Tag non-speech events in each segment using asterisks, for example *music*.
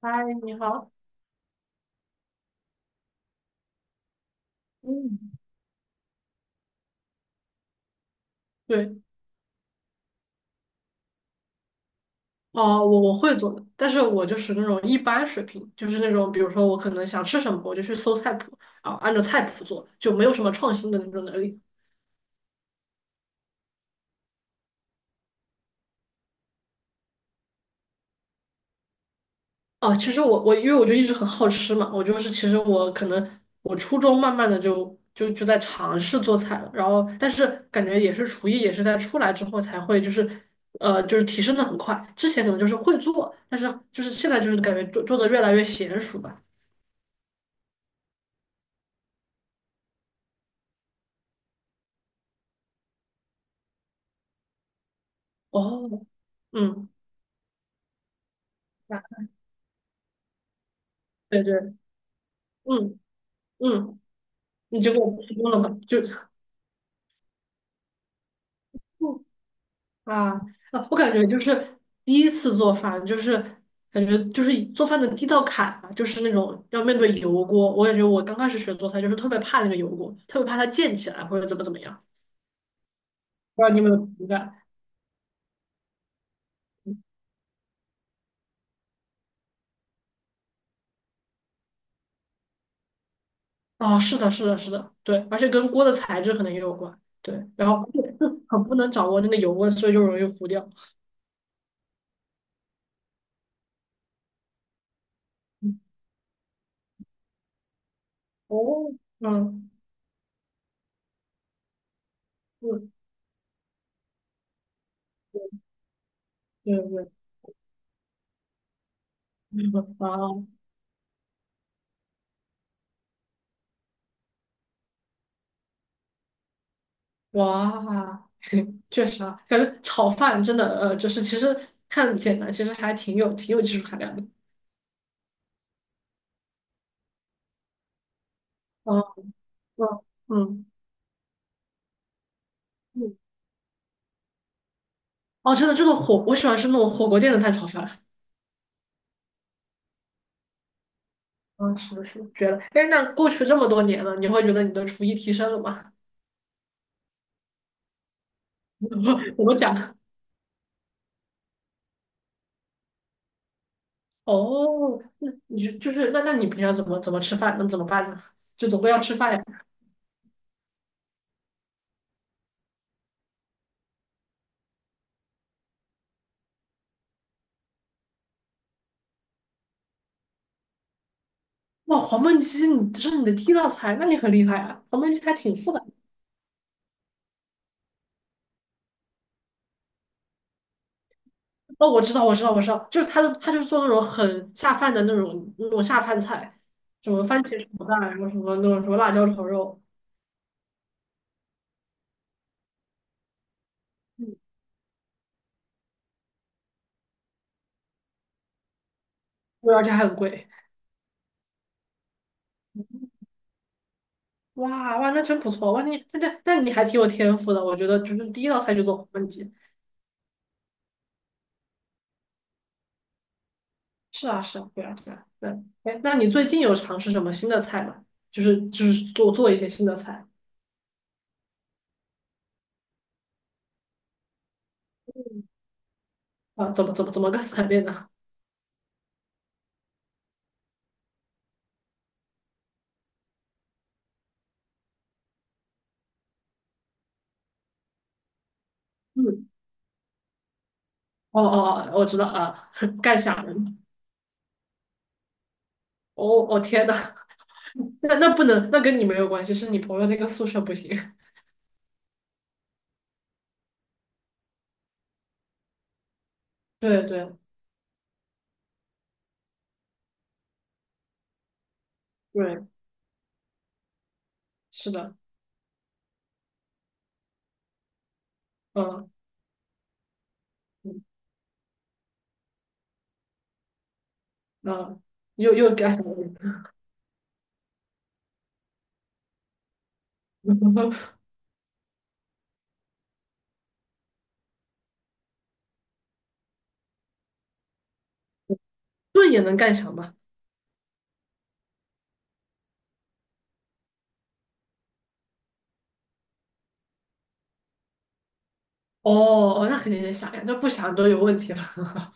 嗨，你好。嗯，对，我会做的，但是我就是那种一般水平，就是那种，比如说我可能想吃什么，我就去搜菜谱，啊，按照菜谱做，就没有什么创新的那种能力。其实因为我就一直很好吃嘛，我就是其实我可能我初中慢慢的就在尝试做菜了，然后但是感觉也是厨艺也是在出来之后才会就是就是提升的很快，之前可能就是会做，但是就是现在就是感觉做的越来越娴熟吧。哦，嗯。啊，对对，嗯嗯，你就给我提供了嘛，就，嗯啊啊，我感觉就是第一次做饭，就是感觉就是做饭的第一道坎吧，就是那种要面对油锅。我感觉我刚开始学做菜，就是特别怕那个油锅，特别怕它溅起来或者怎么怎么样。不知道你有没有同感？啊，是的，是的，是的，对，而且跟锅的材质可能也有关，对，然后就很不能掌握那个油温，所以就容易糊掉。嗯哦，嗯对对对，*laughs* 啊，哇，*laughs* 确实啊，感觉炒饭真的，就是其实看简单，其实还挺有挺有技术含量的。嗯嗯嗯嗯，哦，真的，这个火，我喜欢吃那种火锅店的蛋炒饭。嗯，是的，是的，觉得。哎，那过去这么多年了，你会觉得你的厨艺提升了吗？*laughs* 我们讲，*laughs* 哦，那你就是那你平常怎么怎么吃饭？那怎么办呢？就总归要吃饭呀。哇，黄焖鸡，你这是你的第一道菜，那你很厉害啊！黄焖鸡还挺复杂。哦，我知道，我知道，我知道，就是他的，他就是做那种很下饭的那种下饭菜，什么番茄炒蛋，然后什么那种什么辣椒炒肉，嗯，对而且还很贵。哇哇，那真不错哇！你那你还挺有天赋的，我觉得就是第一道菜就做黄焖鸡。是啊是啊，对啊对啊对啊。哎，那你最近有尝试什么新的菜吗？就是就是做做一些新的菜啊？怎么个 *laughs* 惨烈呢？嗯，哦哦哦，我知道啊，*laughs* 干虾仁。哦哦天呐，那那不能，那跟你没有关系，是你朋友那个宿舍不行。*laughs* 对对对，是的，嗯嗯嗯又干什么？*laughs* 盾也能干啥嘛？哦哦，那肯定得想呀，那不想都有问题了。*laughs*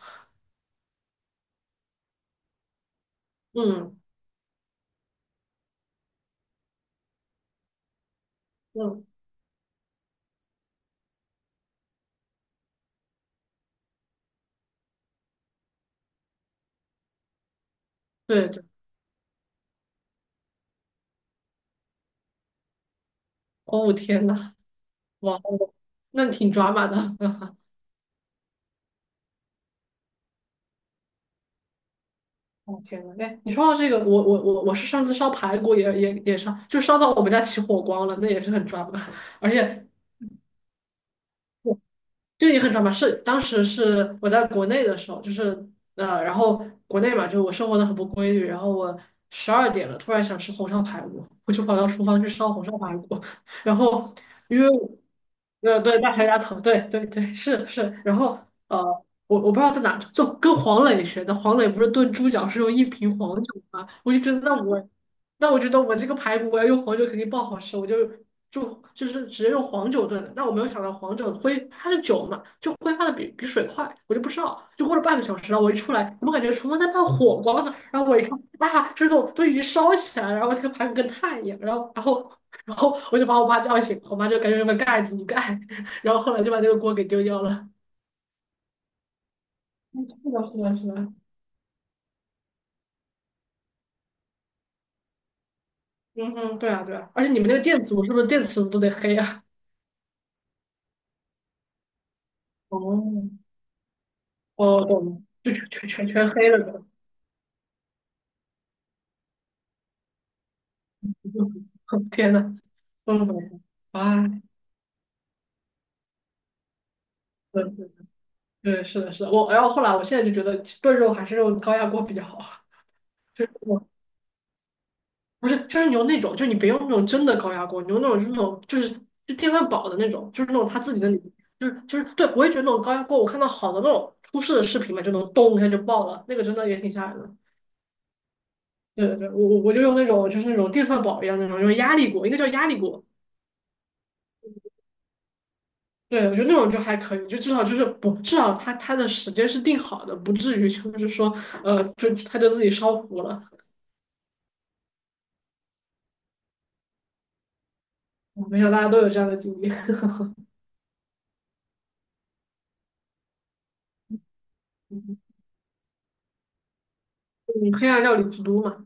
嗯嗯，对对，哦天呐，哇哦，那挺抓马的。*laughs* 哦天呐，哎，你说到这个，我是上次烧排骨也烧，就烧到我们家起火光了，那也是很抓马，*laughs* 而且。这也很常吧，是当时是我在国内的时候，就是然后国内嘛，就是我生活的很不规律，然后我12点了，突然想吃红烧排骨，我就跑到厨房去烧红烧排骨，*laughs* 然后因为我对大排鸭头，对对对是是，然后呃我不知道在哪，就跟黄磊学的，黄磊不是炖猪脚是用一瓶黄酒吗？我就觉得那我觉得我这个排骨我要用黄酒肯定爆好吃，我就就是直接用黄酒炖的。但我没有想到黄酒挥它是酒嘛，就挥发的比水快，我就不知道。就过了半个小时，然后我一出来，怎么感觉厨房在冒火光呢？然后我一看，啊，这种都已经烧起来了，然后这个排骨跟炭一样。然后然后我就把我妈叫醒，我妈就赶紧用个盖子一盖，*laughs* 然后后来就把这个锅给丢掉了。是的，是的，是的。嗯哼，对啊，对啊。而且你们那个电磁炉是不是电磁炉都得黑啊？哦，我懂，就全黑了都。*laughs* 天呐，嗯，啊，真的是，对，是的，是的，我，然后后来，我现在就觉得炖肉还是用高压锅比较好，就是我不是，就是你用那种，就你别用那种真的高压锅，你用那种就是那种就是就电饭煲的那种，就是那种它自己的里面就是对，我也觉得那种高压锅，我看到好的那种出事的视频嘛，就能咚一下就爆了，那个真的也挺吓人的。对对对，我就用那种就是那种电饭煲一样那种，用压力锅，应该叫压力锅，对，我觉得那种就还可以，就至少就是不，至少他的时间是定好的，不至于就是说，就他就自己烧糊了。我没想到大家都有这样的经历。*laughs* 你黑暗料理之都嘛？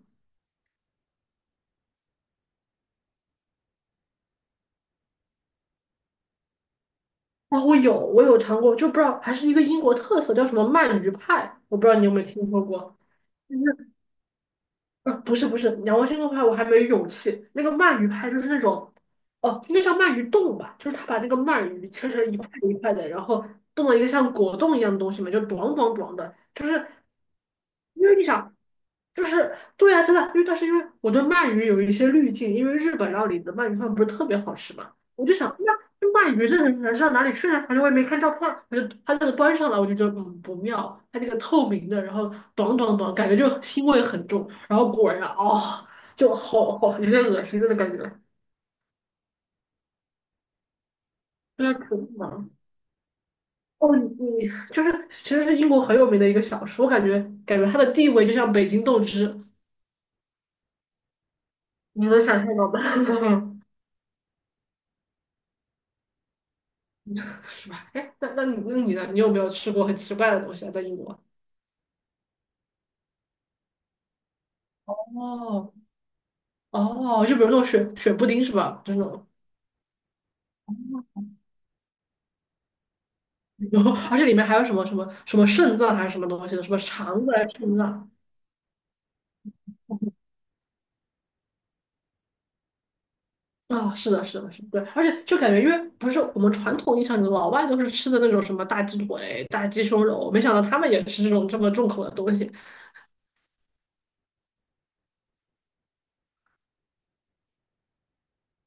啊，我有，我有尝过，就不知道还是一个英国特色，叫什么鳗鱼派，我不知道你有没有听说过。就是不是不是，仰望星空派我还没有勇气。那个鳗鱼派就是那种，哦，应该叫鳗鱼冻吧，就是他把那个鳗鱼切成一块一块的，然后冻了一个像果冻一样的东西嘛，就短短短的，就是。因为你想，就是对呀，真的，因为但是因为我对鳗鱼有一些滤镜，因为日本料理的鳗鱼饭不是特别好吃嘛，我就想，那鳗鱼的人上哪里去呢？反正我也没看照片儿，反正它那个端上来，我就觉得嗯不妙，它那个透明的，然后短短短，感觉就腥味很重，然后果然哦，就好好有点恶心的感觉，有点可恶嘛。哦，你就是其实是英国很有名的一个小吃，我感觉感觉它的地位就像北京豆汁，你能想象到吗？*laughs* 是吧？哎，那你呢？你有没有吃过很奇怪的东西啊？在英国？哦哦，就比如那种雪雪布丁是吧？就是那种，然后而且里面还有什么肾脏还是什么东西的，什么肠子还是肾脏啊、是的，是的，是的，对，而且就感觉，因为不是我们传统印象里老外都是吃的那种什么大鸡腿、大鸡胸肉，没想到他们也吃这种这么重口的东东西。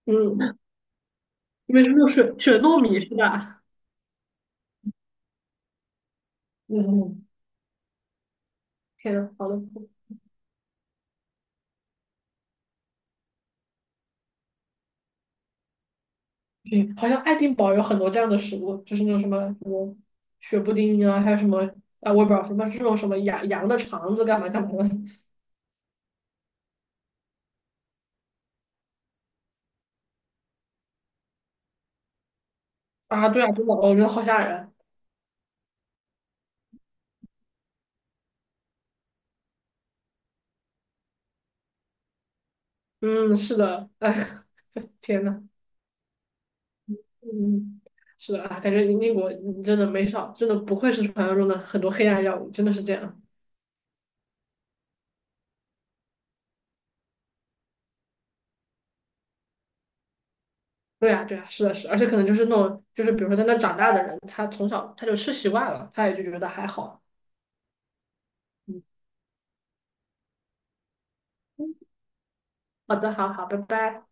嗯，因为是那种雪雪糯米是吧？嗯，嗯，天呐，好的。对，好像爱丁堡有很多这样的食物，就是那种什么什么雪布丁啊，还有什么啊，我也不知道什么这种什么羊羊的肠子干嘛干嘛的啊，对啊，真的，我觉得好吓人。嗯，是的，哎，*laughs* 天呐，嗯，是的啊，感觉英国你真的没少，真的不愧是传说中的很多黑暗药物，真的是这样。对啊，对啊，是的，是的而且可能就是那种，就是比如说在那长大的人，他从小他就吃习惯了，他也就觉得还好。嗯，好的，好好，拜拜。